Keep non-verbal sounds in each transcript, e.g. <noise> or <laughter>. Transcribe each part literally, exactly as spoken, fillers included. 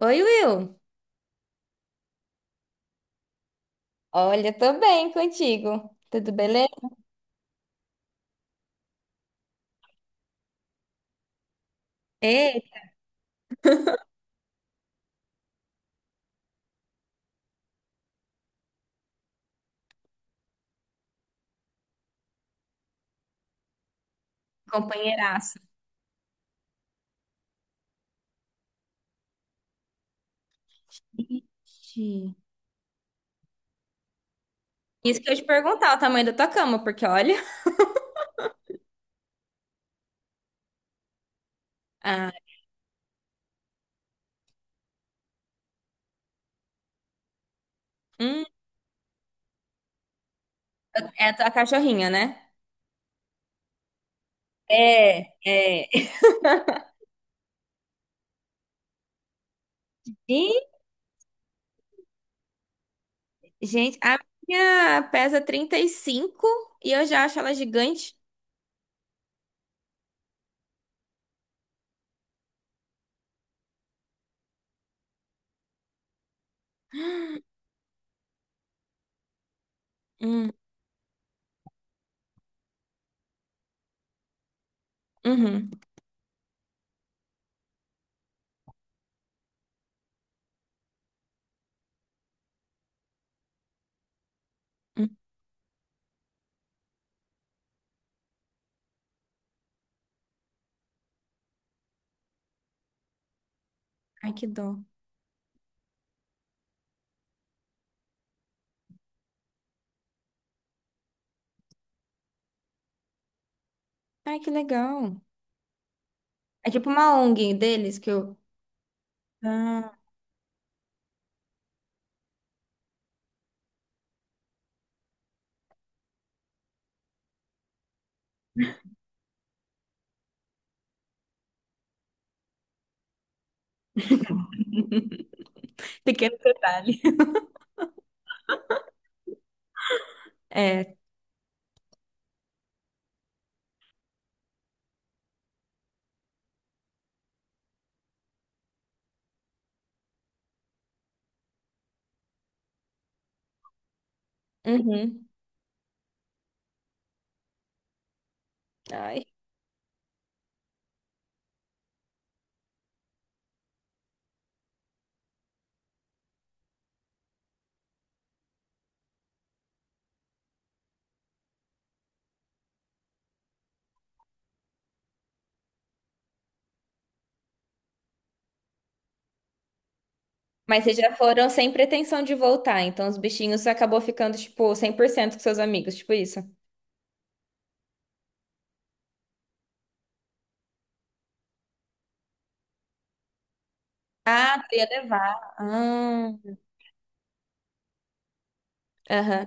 Oi, Will. Olha, tô bem contigo. Tudo beleza? Ei, companheiraço. Ixi. Isso que eu ia te perguntar, o tamanho da tua cama, porque olha. Ah, hum, é a tua cachorrinha, né? É, é. Ih, gente, a minha pesa trinta e cinco e cinco e eu já acho ela gigante. Hum, uhum, hum. Ai, que dó. Ai, que legal. É tipo uma ONG deles que eu. Ah, pequeno detalhe. É. Uhum. Ai. Mas vocês já foram sem pretensão de voltar, então os bichinhos acabou ficando, tipo, cem por cento com seus amigos, tipo isso. Ah, tu ia levar. Ah, aham.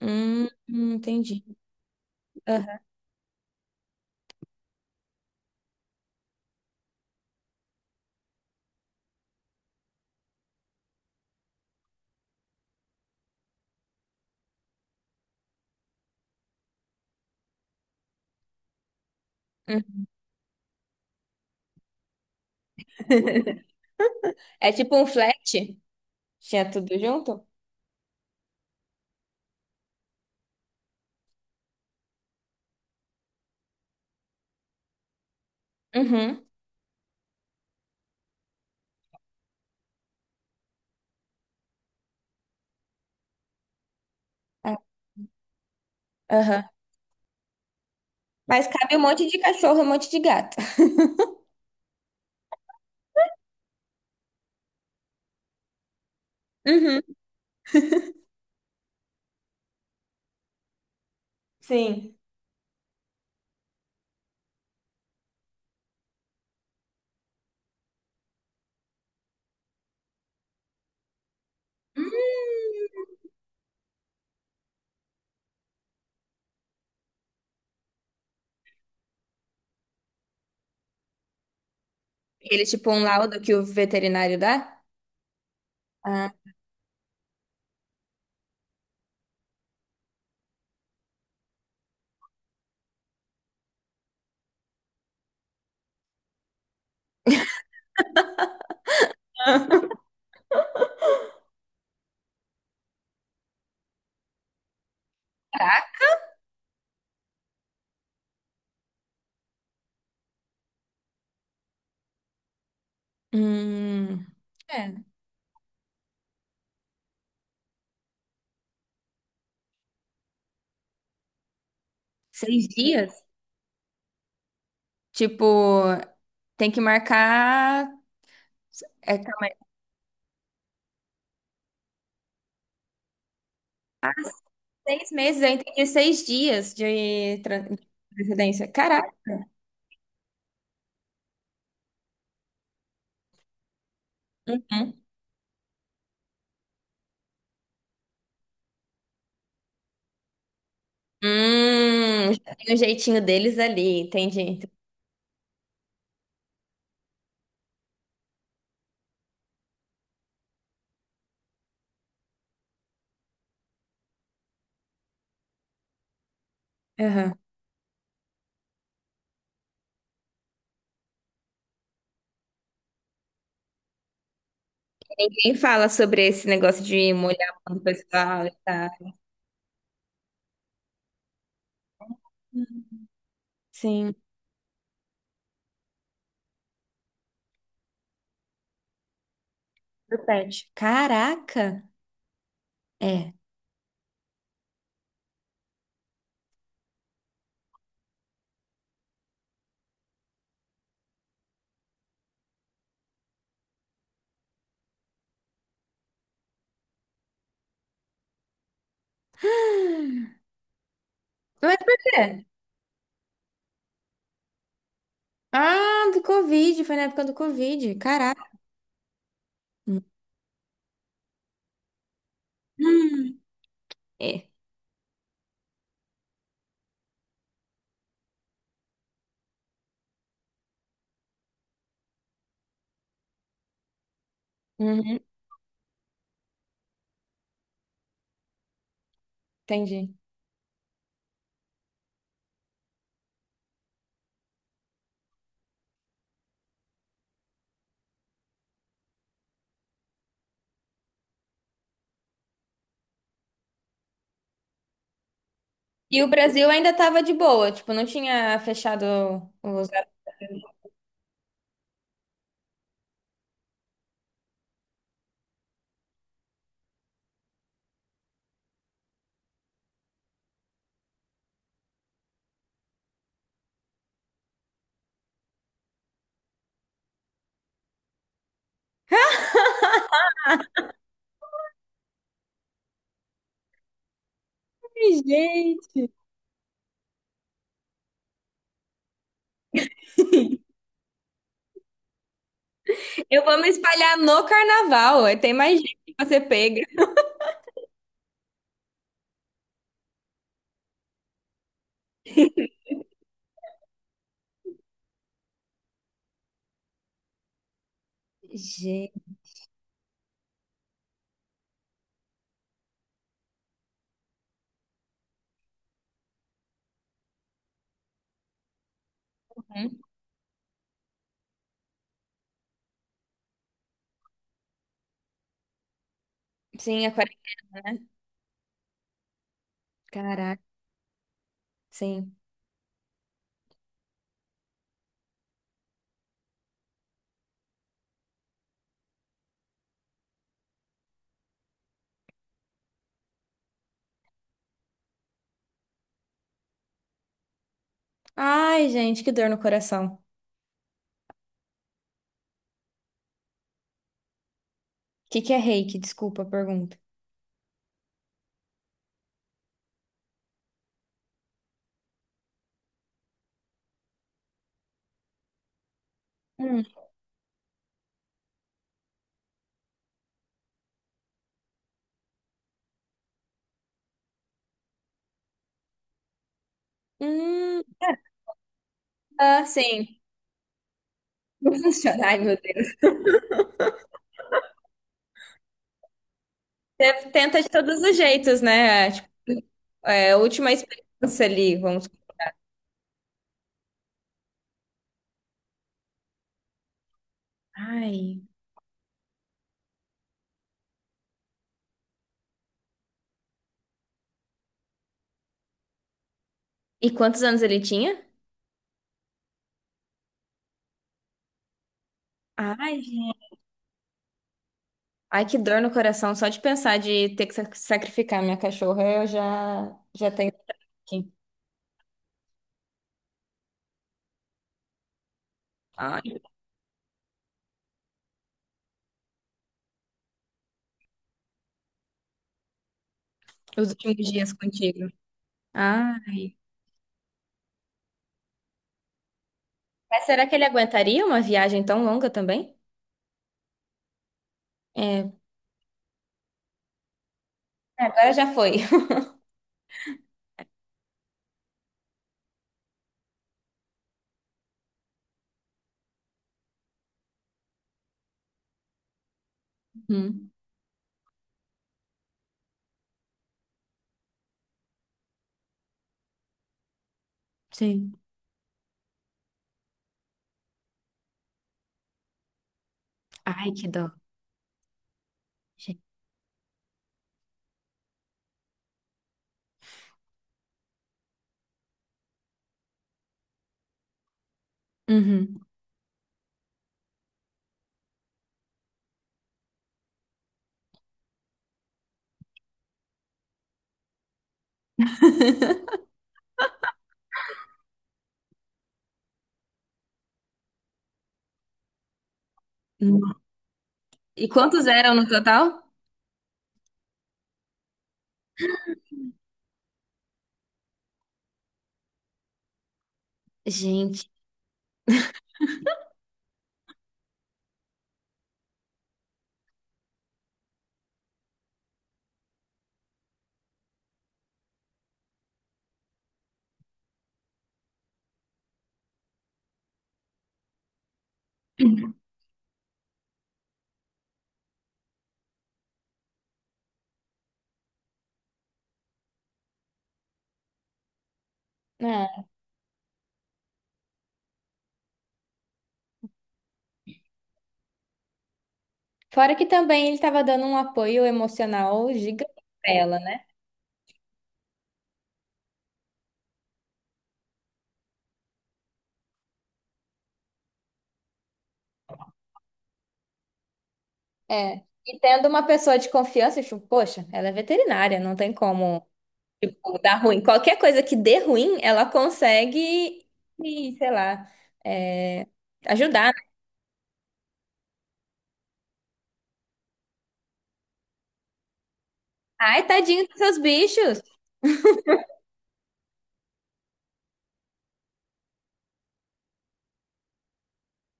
Hum, hum, entendi. Aham. Hum. É tipo um flat? Tinha tudo junto? Uhum. Ah, aham. Mas cabe um monte de cachorro, um monte de gato. <laughs> Uhum. Sim. Ele, é tipo, um laudo que o veterinário dá? Ah. <laughs> Hum. É. Seis dias? Tipo, tem que marcar. É. Ah, seis meses, eu entendi seis dias de, tra- de residência. Caraca. Uhum. Hum, já tem um jeitinho deles ali, entendi. Aham. Quem fala sobre esse negócio de molhar a mão do pessoal e tal? Sim, do pet. Caraca! É. Mas por quê? Ah, do Covid, foi na época do Covid. Caraca. Hum. É. Uhum, entendi. E o Brasil ainda tava de boa, tipo, não tinha fechado os. Ai, gente. Eu vou me espalhar no carnaval. Aí tem mais gente que você pega. Gente, uhum. Sim, aquarela, né? Caraca, sim. Ai, gente, que dor no coração. O que que é reiki? Desculpa a pergunta. Hum. Hum. Ah, sim. <laughs> Funcionar, meu Deus. Você tenta de todos os jeitos, né? É, tipo, é a última experiência ali, vamos. Ai. E quantos anos ele tinha? Ai, gente. Ai, que dor no coração, só de pensar de ter que sac- sacrificar minha cachorra, eu já, já tenho aqui. Ai. Os últimos dias contigo. Ai. Mas será que ele aguentaria uma viagem tão longa também? É. É, agora já foi. <laughs> Hum, sim. Ai, que dó. Gente. Uhum. Nossa. E quantos eram no total? Gente. É. Fora que também ele estava dando um apoio emocional gigante pra ela, né? É. E tendo uma pessoa de confiança, tipo, poxa, ela é veterinária, não tem como, tipo, dar ruim. Qualquer coisa que dê ruim, ela consegue, e, sei lá, é, ajudar. Ai, tadinho dos seus bichos.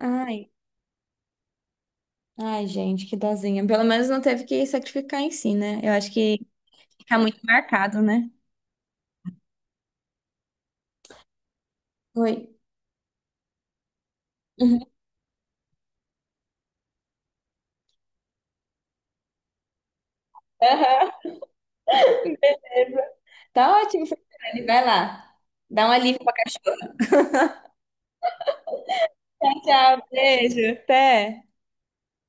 Ai, ai, gente, que dozinha. Pelo menos não teve que sacrificar em si, né? Eu acho que fica muito marcado, né? Oi. Uhum. Aham, <laughs> beleza. Tá ótimo, Franciele. Vai lá. Dá um alívio pra cachorro. Tchau, tchau. Beijo. Até.